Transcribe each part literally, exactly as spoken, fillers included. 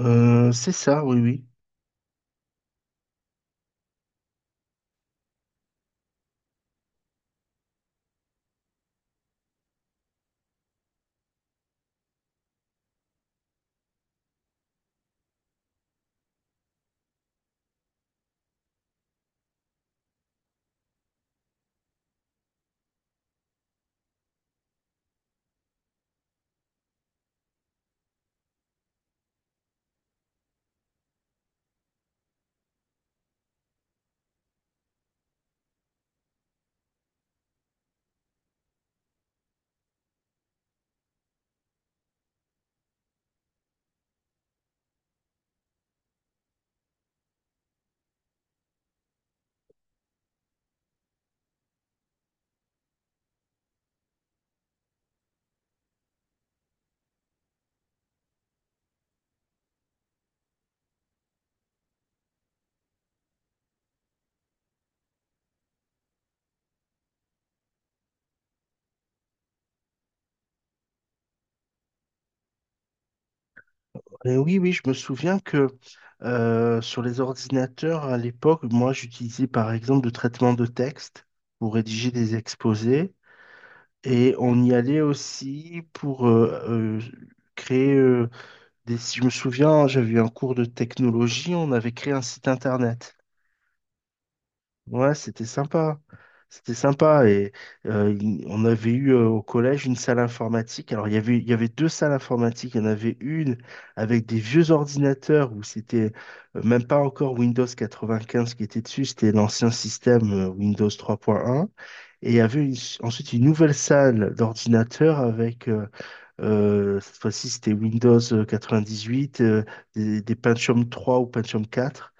Euh, c'est ça, oui, oui. Et oui, oui, je me souviens que euh, sur les ordinateurs à l'époque, moi, j'utilisais par exemple le traitement de texte pour rédiger des exposés et on y allait aussi pour euh, euh, créer euh, des... si je me souviens, j'avais eu un cours de technologie, on avait créé un site internet. Ouais, c'était sympa. C'était sympa. Et euh, il- on avait eu euh, au collège une salle informatique. Alors, il y avait, il y avait deux salles informatiques. Il y en avait une avec des vieux ordinateurs où c'était euh, même pas encore Windows quatre-vingt-quinze qui était dessus. C'était l'ancien système euh, Windows trois point un. Et il y avait une- ensuite une nouvelle salle d'ordinateurs avec, euh, euh, cette fois-ci, c'était Windows quatre-vingt-dix-huit, euh, des, des Pentium trois ou Pentium quatre.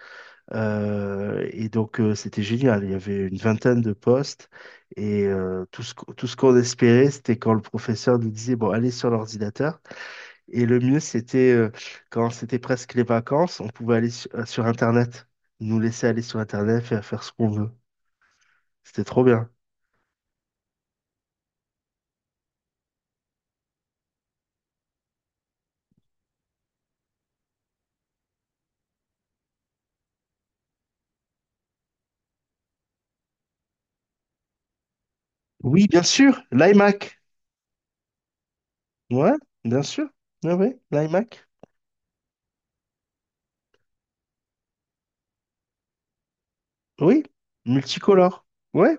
Euh, et donc, euh, c'était génial. Il y avait une vingtaine de postes et euh, tout ce, qu'- tout ce qu'on espérait, c'était quand le professeur nous disait, bon, allez sur l'ordinateur. Et le mieux, c'était euh, quand c'était presque les vacances, on pouvait aller su- euh, sur, Internet. Ils nous laisser aller sur Internet, faire, faire ce qu'on veut. C'était trop bien. Oui, bien sûr, l'iMac. Ouais, bien sûr. Oui, oui, l'iMac. Oui, multicolore. Ouais,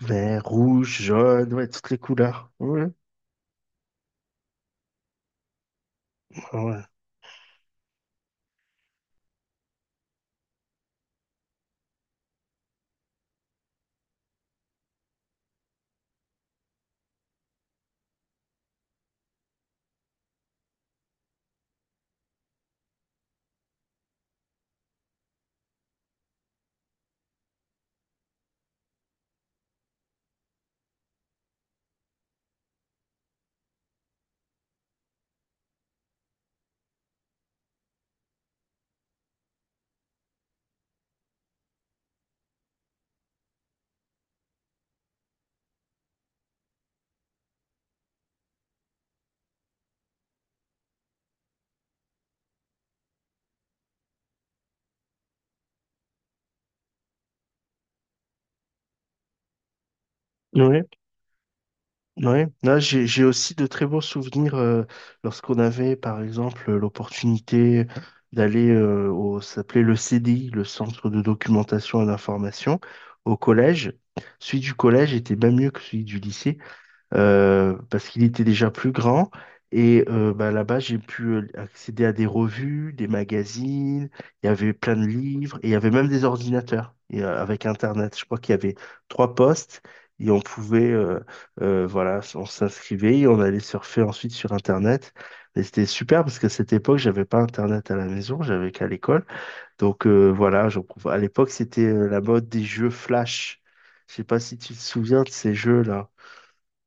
vert, rouge, jaune, ouais, toutes les couleurs. Ouais, ouais. Ouais. Ouais, là j'ai j'ai aussi de très beaux souvenirs euh, lorsqu'on avait par exemple l'opportunité d'aller euh, au ça s'appelait le C D I, le Centre de documentation et d'information au collège. Celui du collège était bien mieux que celui du lycée euh, parce qu'il était déjà plus grand. Et euh, bah, là-bas, j'ai pu euh, accéder à des revues, des magazines, il y avait plein de livres, et il y avait même des ordinateurs et, euh, avec Internet. Je crois qu'il y avait trois postes, et on pouvait, euh, euh, voilà, on s'inscrivait, et on allait surfer ensuite sur Internet. Et c'était super parce qu'à cette époque, j'avais pas Internet à la maison, j'avais qu'à l'école. Donc euh, voilà, j'en trouve- à l'époque, c'était euh, la mode des jeux Flash. Je sais pas si tu te souviens de ces jeux-là.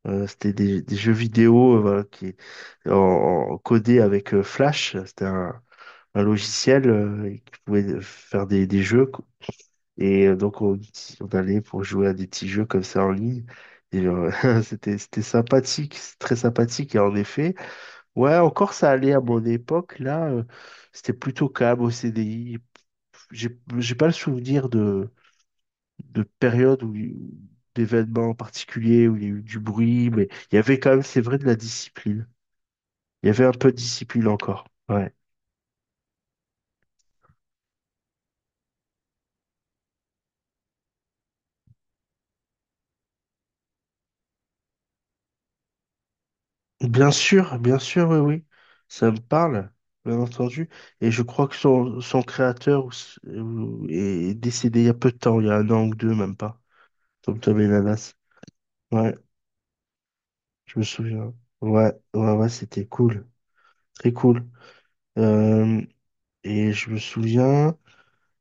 Euh, c'était des, des jeux vidéo euh, voilà, qui en, en- codés avec euh, Flash. C'était un, un logiciel euh, et qui pouvait euh, faire des, des jeux, quoi. Et euh, donc on, on allait pour jouer à des petits jeux comme ça en ligne. Et euh, c'était c'était sympathique, c'est très sympathique. Et en effet, ouais, encore ça allait à mon époque. Là, euh, c'était plutôt calme au C D I. J'ai j'ai pas le souvenir de de périodes où, où- d'événements particuliers où il y a eu du bruit, mais il y avait quand même, c'est vrai, de la discipline. Il y avait un peu de discipline encore. Ouais. Bien sûr, bien sûr, oui, oui. Ça me parle, bien entendu. Et je crois que son, son créateur ou s- ou- est décédé il y a peu de temps, il y a un an ou deux, même pas. Tom Tom et Nanas. Ouais, je me souviens. Ouais, ouais, ouais, c'était cool. Très cool. Euh, et je me souviens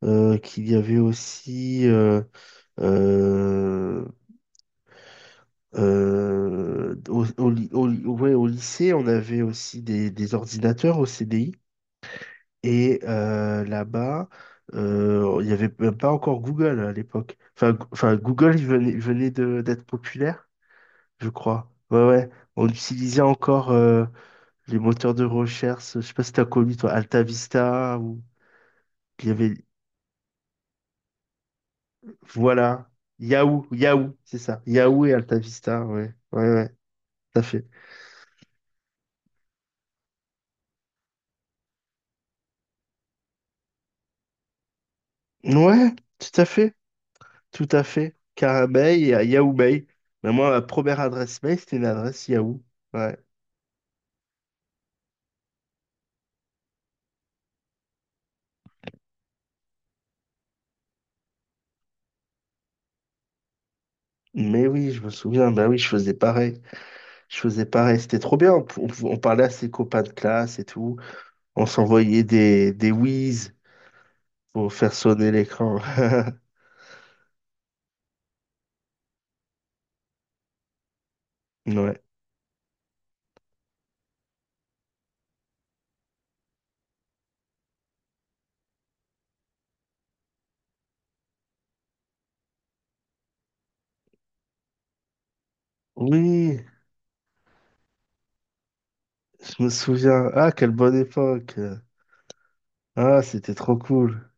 euh, qu'il y avait aussi. euh, Euh, euh, au, au ly- au ly- ouais, au lycée, on avait aussi des, des ordinateurs au C D I. Et euh, là-bas, euh, il n'y avait même pas encore Google à l'époque. Enfin, Go- enfin, Google, il venait, il venait de, d'être populaire, je crois. Ouais, ouais. On utilisait encore euh, les moteurs de recherche. Je sais pas si t'as connu, toi, AltaVista ou il y avait, voilà, Yahoo, Yahoo, c'est ça. Yahoo et AltaVista, ouais, ouais, ouais, tout à fait. Ouais, tout à fait, tout à fait. Car à Bay et à Yahoo Bay. Mais moi, ma première adresse mail, c'était une adresse Yahoo. Ouais. Mais oui, je me souviens, bah oui, je faisais pareil. Je faisais pareil. C'était trop bien. On, pou- on parlait à ses copains de classe et tout. On s'envoyait des, des whiz pour faire sonner l'écran. Ouais. Oui, je me souviens. Ah, quelle bonne époque. Ah, c'était trop cool.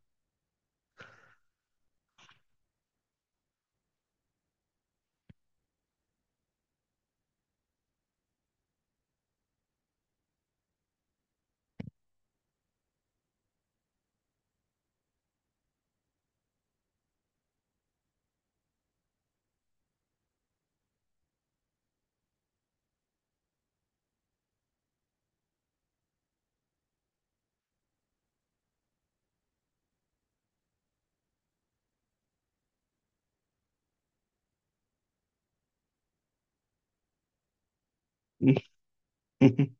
Je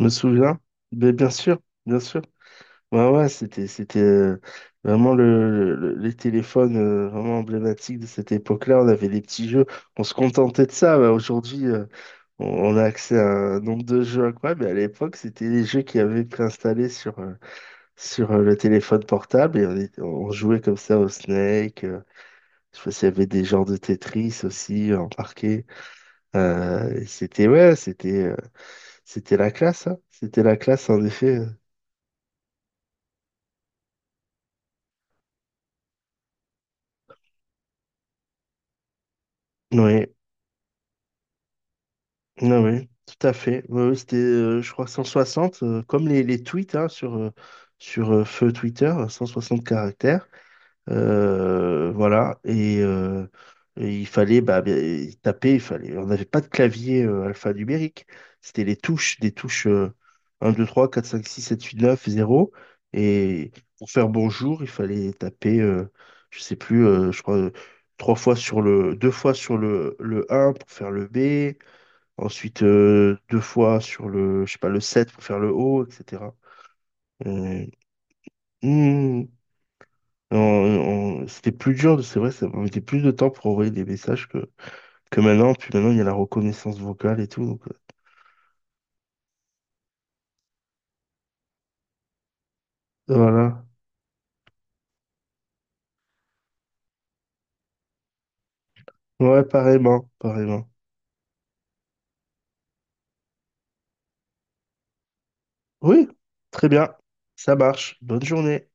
me souviens. Mais bien sûr, bien sûr. Ouais, ouais, c'était, c'était euh, vraiment le, le- les téléphones euh, vraiment emblématiques de cette époque-là. On avait des petits jeux. On se contentait de ça. Bah, aujourd'hui, euh, on, on a accès à un nombre de jeux incroyable. Mais à l'époque, c'était les jeux qui avaient préinstallés sur, euh, sur euh, le téléphone portable. Et on, est- on jouait comme ça au Snake. Euh, je sais pas s'il y avait des genres de Tetris aussi euh, embarqués. Euh, et c'était, ouais, c'était, euh, c'était la classe, hein. C'était la classe, en effet. Oui. Ah oui, tout à fait. Oui, oui, c'était, euh, je crois, cent soixante, euh, comme les, les tweets, hein, sur, euh, sur euh, feu Twitter, cent soixante caractères. Euh, voilà. Et, euh, et il fallait, bah, bien, et taper, il fallait. On n'avait pas de clavier euh, alphanumérique. C'était les touches, des touches euh, un, deux, trois, quatre, cinq, six, sept, huit, neuf, zéro. Et pour faire bonjour, il fallait taper, euh, je sais plus, euh, je crois, euh, trois fois sur le, deux fois sur le, le un pour faire le B. Ensuite, euh, deux fois sur le, je sais pas, le sept pour faire le haut, et cetera. Euh, hmm, on- on- C'était plus dur, c'est vrai, ça mettait plus de temps pour envoyer des messages que, que maintenant. Puis maintenant, il y a la reconnaissance vocale et tout. Donc, euh, voilà. Ouais, pareillement, pareillement. Oui, très bien. Ça marche. Bonne journée.